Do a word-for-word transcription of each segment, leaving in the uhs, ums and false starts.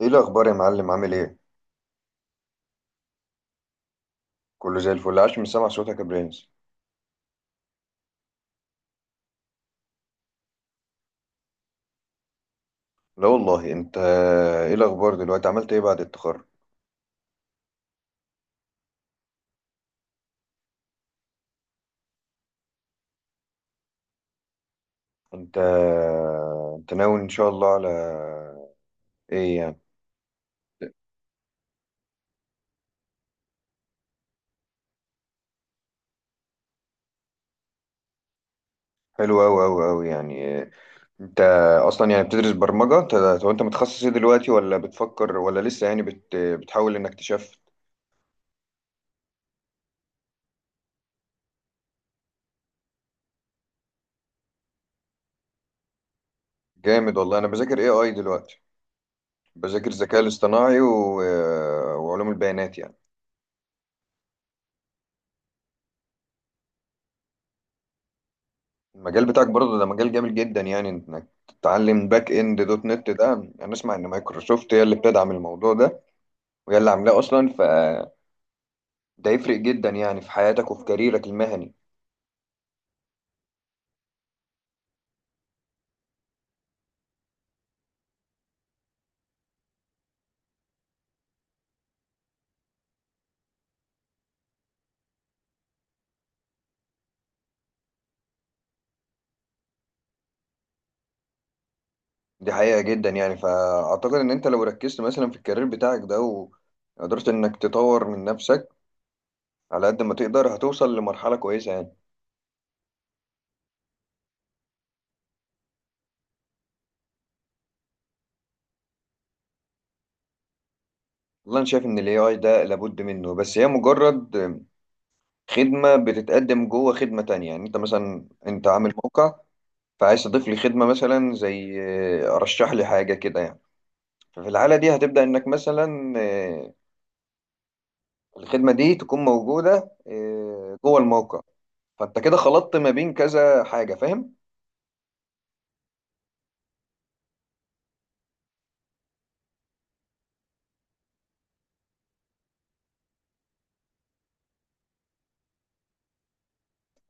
ايه الاخبار يا معلم، عامل ايه؟ كله زي الفل، عاش من سمع صوتك يا برنس. لا والله، انت ايه الاخبار دلوقتي، عملت ايه بعد التخرج؟ انت انت ناوي ان شاء الله على ايه يعني؟ حلو اوي اوي اوي يعني. انت اصلا يعني بتدرس برمجة انت. طب انت متخصص ايه دلوقتي، ولا بتفكر، ولا لسه يعني بت... بتحاول انك تشفت؟ جامد والله. انا بذاكر اي اي دلوقتي، بذاكر الذكاء الاصطناعي و... وعلوم البيانات يعني. المجال بتاعك برضه ده مجال جامد جدا يعني، انك تتعلم باك اند دوت نت. ده انا اسمع ان مايكروسوفت هي اللي بتدعم الموضوع ده، وهي اللي عاملاه اصلا، فده يفرق جدا يعني في حياتك وفي كاريرك المهني. دي حقيقة جدا يعني، فاعتقد ان انت لو ركزت مثلا في الكارير بتاعك ده، وقدرت انك تطور من نفسك على قد ما تقدر، هتوصل لمرحلة كويسة يعني. والله انا شايف ان الاي اي ده لابد منه، بس هي مجرد خدمة بتتقدم جوه خدمة تانية. يعني انت مثلا انت عامل موقع، فعايز تضيف لي خدمة مثلا زي آه، رشح لي حاجة كده يعني. ففي الحالة دي هتبدأ إنك مثلا آه، الخدمة دي تكون موجودة آه، جوه الموقع. فأنت كده خلطت ما بين كذا حاجة، فاهم؟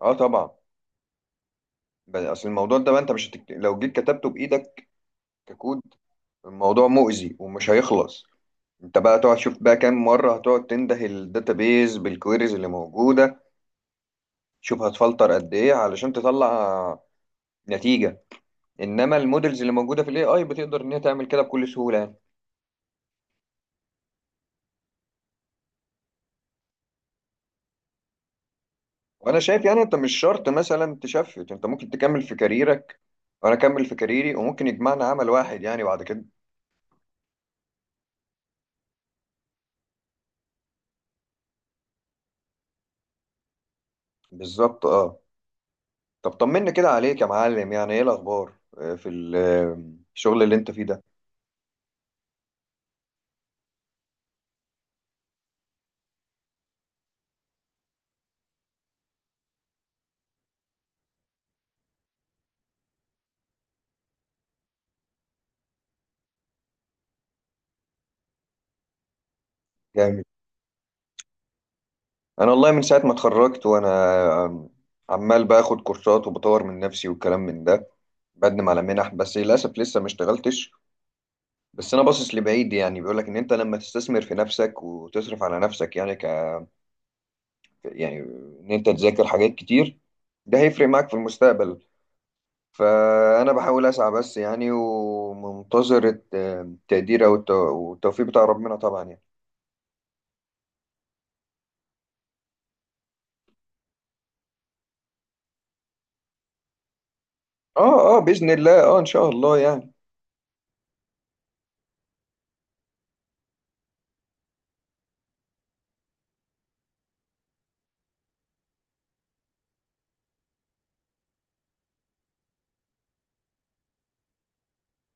أه طبعا. ب- أصل الموضوع ده بقى، أنت مش هتكت... لو جيت كتبته بإيدك ككود، الموضوع مؤذي ومش هيخلص. أنت بقى تقعد تشوف بقى كام مرة هتقعد تنده الداتابيز بالكويريز اللي موجودة، شوف هتفلتر قد إيه علشان تطلع نتيجة. انما المودلز اللي موجوده في الاي اي بتقدر ان هي تعمل كده بكل سهوله يعني. وانا شايف يعني، انت مش شرط مثلا تشفت، انت ممكن تكمل في كاريرك وانا اكمل في كاريري، وممكن يجمعنا عمل واحد يعني بعد كده. بالظبط اه. طب طمنا كده عليك يا معلم. يعني ايه الاخبار آه، في ال- آه، الشغل اللي انت فيه ده؟ جامد. انا والله من ساعه ما اتخرجت وانا آم، عمال باخد كورسات وبطور من نفسي والكلام من ده، بقدم على منح، بس للاسف لسه ما اشتغلتش. بس انا باصص لبعيد يعني، بيقول لك ان انت لما تستثمر في نفسك وتصرف على نفسك، يعني ك يعني ان انت تذاكر حاجات كتير، ده هيفرق معاك في المستقبل. فانا بحاول اسعى بس يعني، ومنتظر الت- التقدير او الت- والتوفيق بتاع ربنا طبعا يعني. اه اه باذن الله، اه ان شاء الله يعني.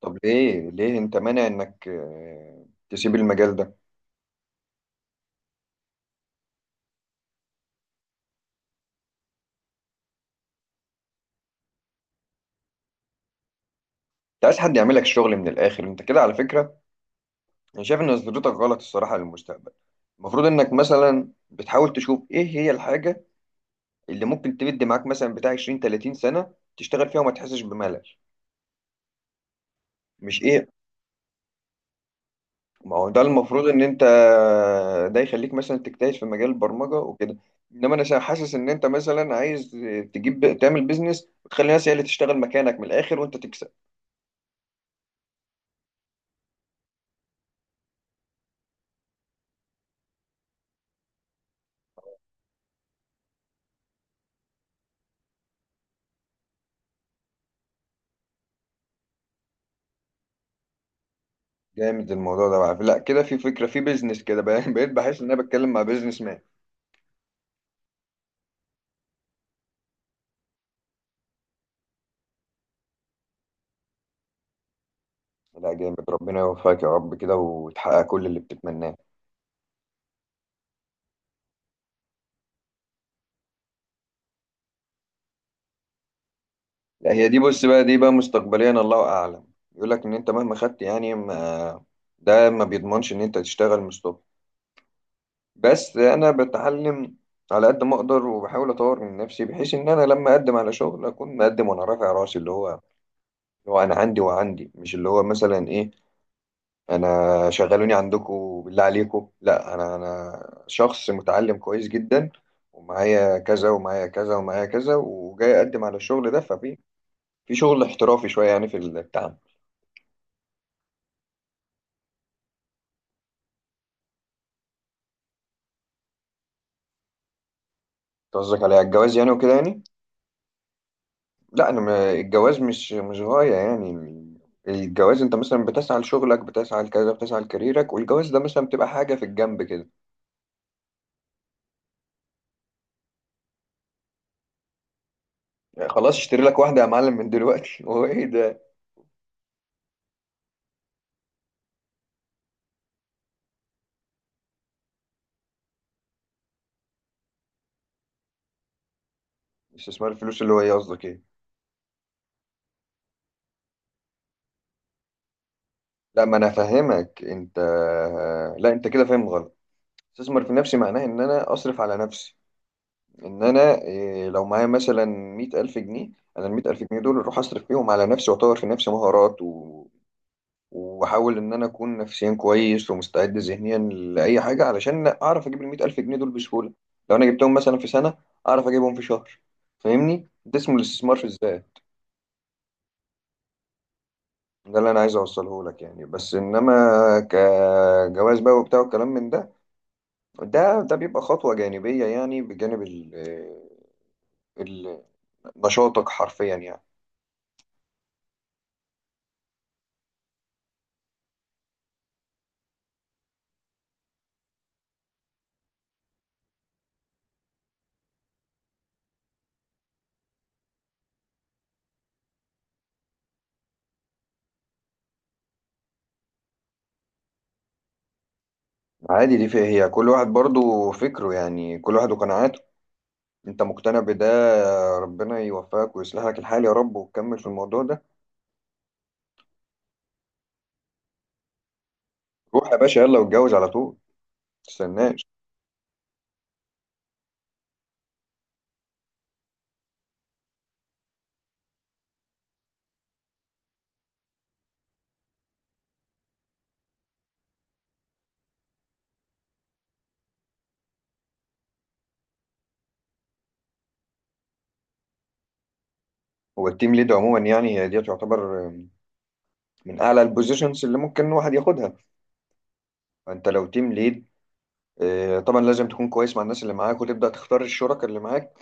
طب ليه ليه انت مانع انك آه، تسيب المجال ده؟ انت عايز حد يعملك الشغل من الاخر، انت كده على فكره. انا شايف ان نظرتك غلط الصراحه للمستقبل. المفروض انك مثلا بتحاول تشوف ايه هي الحاجه اللي ممكن تمد معاك مثلا بتاع عشرين ثلاثين سنة تشتغل فيها وما تحسش بملل. مش ايه، ما هو ده المفروض ان انت، ده يخليك مثلا تجتهد في مجال البرمجة وكده. انما انا شا- حاسس ان انت مثلا عايز تجيب تعمل بيزنس وتخلي الناس هي اللي تشتغل مكانك من الاخر وانت تكسب. جامد الموضوع ده بقى. لا كده في فكرة، في بيزنس كده بقى- بقيت بحس ان انا بتكلم مع بيزنس مان. لا جامد، ربنا يوفقك يا رب كده وتحقق كل اللي بتتمناه. لا هي دي بص بقى، دي بقى مستقبليا الله اعلم. يقول لك ان انت مهما خدت يعني، ما ده ما بيضمنش ان انت تشتغل مستقبل، بس انا بتعلم على قد ما اقدر، وبحاول اطور من نفسي، بحيث ان انا لما اقدم على شغل اكون مقدم وانا رافع راسي. اللي هو اللي هو انا عندي وعندي، مش اللي هو مثلا ايه، انا شغلوني عندكم بالله عليكم. لا، انا انا شخص متعلم كويس جدا، ومعايا كذا ومعايا كذا ومعايا كذا، وجاي اقدم على الشغل ده. ففي في شغل احترافي شويه يعني في التعامل. قصدك على الجواز يعني وكده يعني؟ لا انا، ما الجواز مش مش غاية يعني. الجواز، انت مثلا بتسعى لشغلك، بتسعى لكذا، بتسعى لكاريرك، والجواز ده مثلا بتبقى حاجة في الجنب كده يعني. خلاص اشتري لك واحدة يا معلم من دلوقتي هو ايه ده، استثمار الفلوس اللي هو ايه، قصدك ايه؟ لا ما انا فاهمك انت، لا انت كده فاهم غلط. استثمر في نفسي معناه ان انا اصرف على نفسي، ان انا إيه، لو معايا مثلا مية ألف جنيه، انا المية ألف جنيه دول اروح اصرف فيهم على نفسي واطور في نفسي مهارات، و... واحاول ان انا اكون نفسيا كويس ومستعد ذهنيا لاي حاجه، علشان اعرف اجيب ال مية ألف جنيه دول بسهوله. لو انا جبتهم مثلا في سنه، اعرف اجيبهم في شهر، فاهمني؟ ده اسمه الاستثمار في الذات. ده اللي انا عايز اوصله لك يعني. بس انما كجواز بقى وبتاع والكلام من ده، ده ده بيبقى خطوه جانبيه يعني، بجانب ال ال- نشاطك حرفيا يعني. عادي، دي فيها هي كل واحد برضو فكره يعني، كل واحد وقناعاته. انت مقتنع بده، ربنا يوفقك ويصلح لك الحال يا رب، وتكمل في الموضوع ده. روح يا باشا يلا واتجوز على طول، متستناش. هو التيم ليد عموما يعني، هي دي تعتبر من اعلى البوزيشنز اللي ممكن الواحد ياخدها. فانت لو تيم ليد، اه، طبعا لازم تكون كويس مع الناس اللي معاك، وتبدا تختار الشركاء اللي معاك.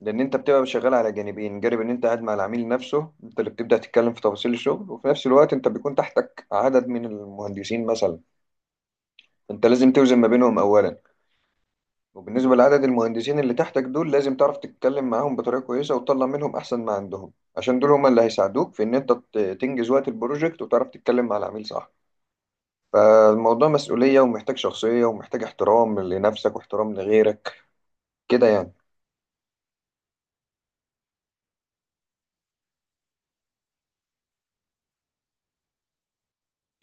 لان انت بتبقى شغال على جانبين، جانب ان انت قاعد مع العميل نفسه، انت اللي بتبدا تتكلم في تفاصيل الشغل، وفي نفس الوقت انت بيكون تحتك عدد من المهندسين مثلا، انت لازم توزن ما بينهم اولا. وبالنسبة لعدد المهندسين اللي تحتك دول، لازم تعرف تتكلم معاهم بطريقة كويسة، وتطلع منهم أحسن ما عندهم، عشان دول هما اللي هيساعدوك في إن أنت ت- تنجز وقت البروجكت، وتعرف تتكلم مع العميل صح. فالموضوع مسؤولية، ومحتاج شخصية، ومحتاج احترام لنفسك واحترام لغيرك كده يعني.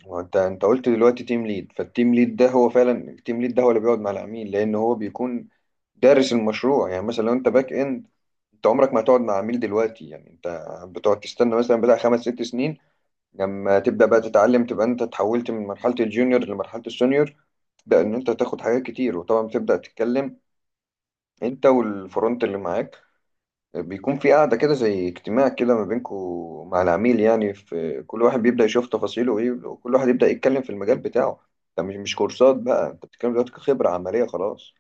وانت انت قلت دلوقتي تيم ليد، فالتيم ليد ده هو فعلا، التيم ليد ده هو اللي بيقعد مع العميل، لأن هو بيكون دارس المشروع. يعني مثلا لو انت باك اند، انت عمرك ما هتقعد مع عميل دلوقتي، يعني انت بتقعد تستنى مثلا بتاع خمس ست سنين، لما تبدأ بقى تتعلم، تبقى انت اتحولت من مرحلة الجونيور لمرحلة السونيور، تبدأ ان انت تاخد حاجات كتير. وطبعا بتبدأ تتكلم انت والفرونت اللي معاك، بيكون في قاعدة كده زي اجتماع كده ما بينكوا مع العميل يعني، في كل واحد بيبدأ يشوف تفاصيله ايه، وكل واحد يبدأ يتكلم في المجال بتاعه. ده مش مش كورسات بقى، انت بتتكلم دلوقتي كخبرة عملية خلاص.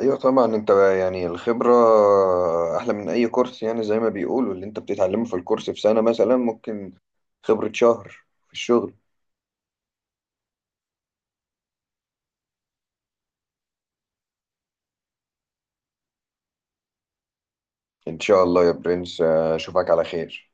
ايوه طبعا. انت يعني الخبرة احلى من اي كورس يعني، زي ما بيقولوا، اللي انت بتتعلمه في الكورس في سنة مثلا ممكن خبرة شهر في الشغل. ان شاء الله يا برنس، آه، اشوفك على خير.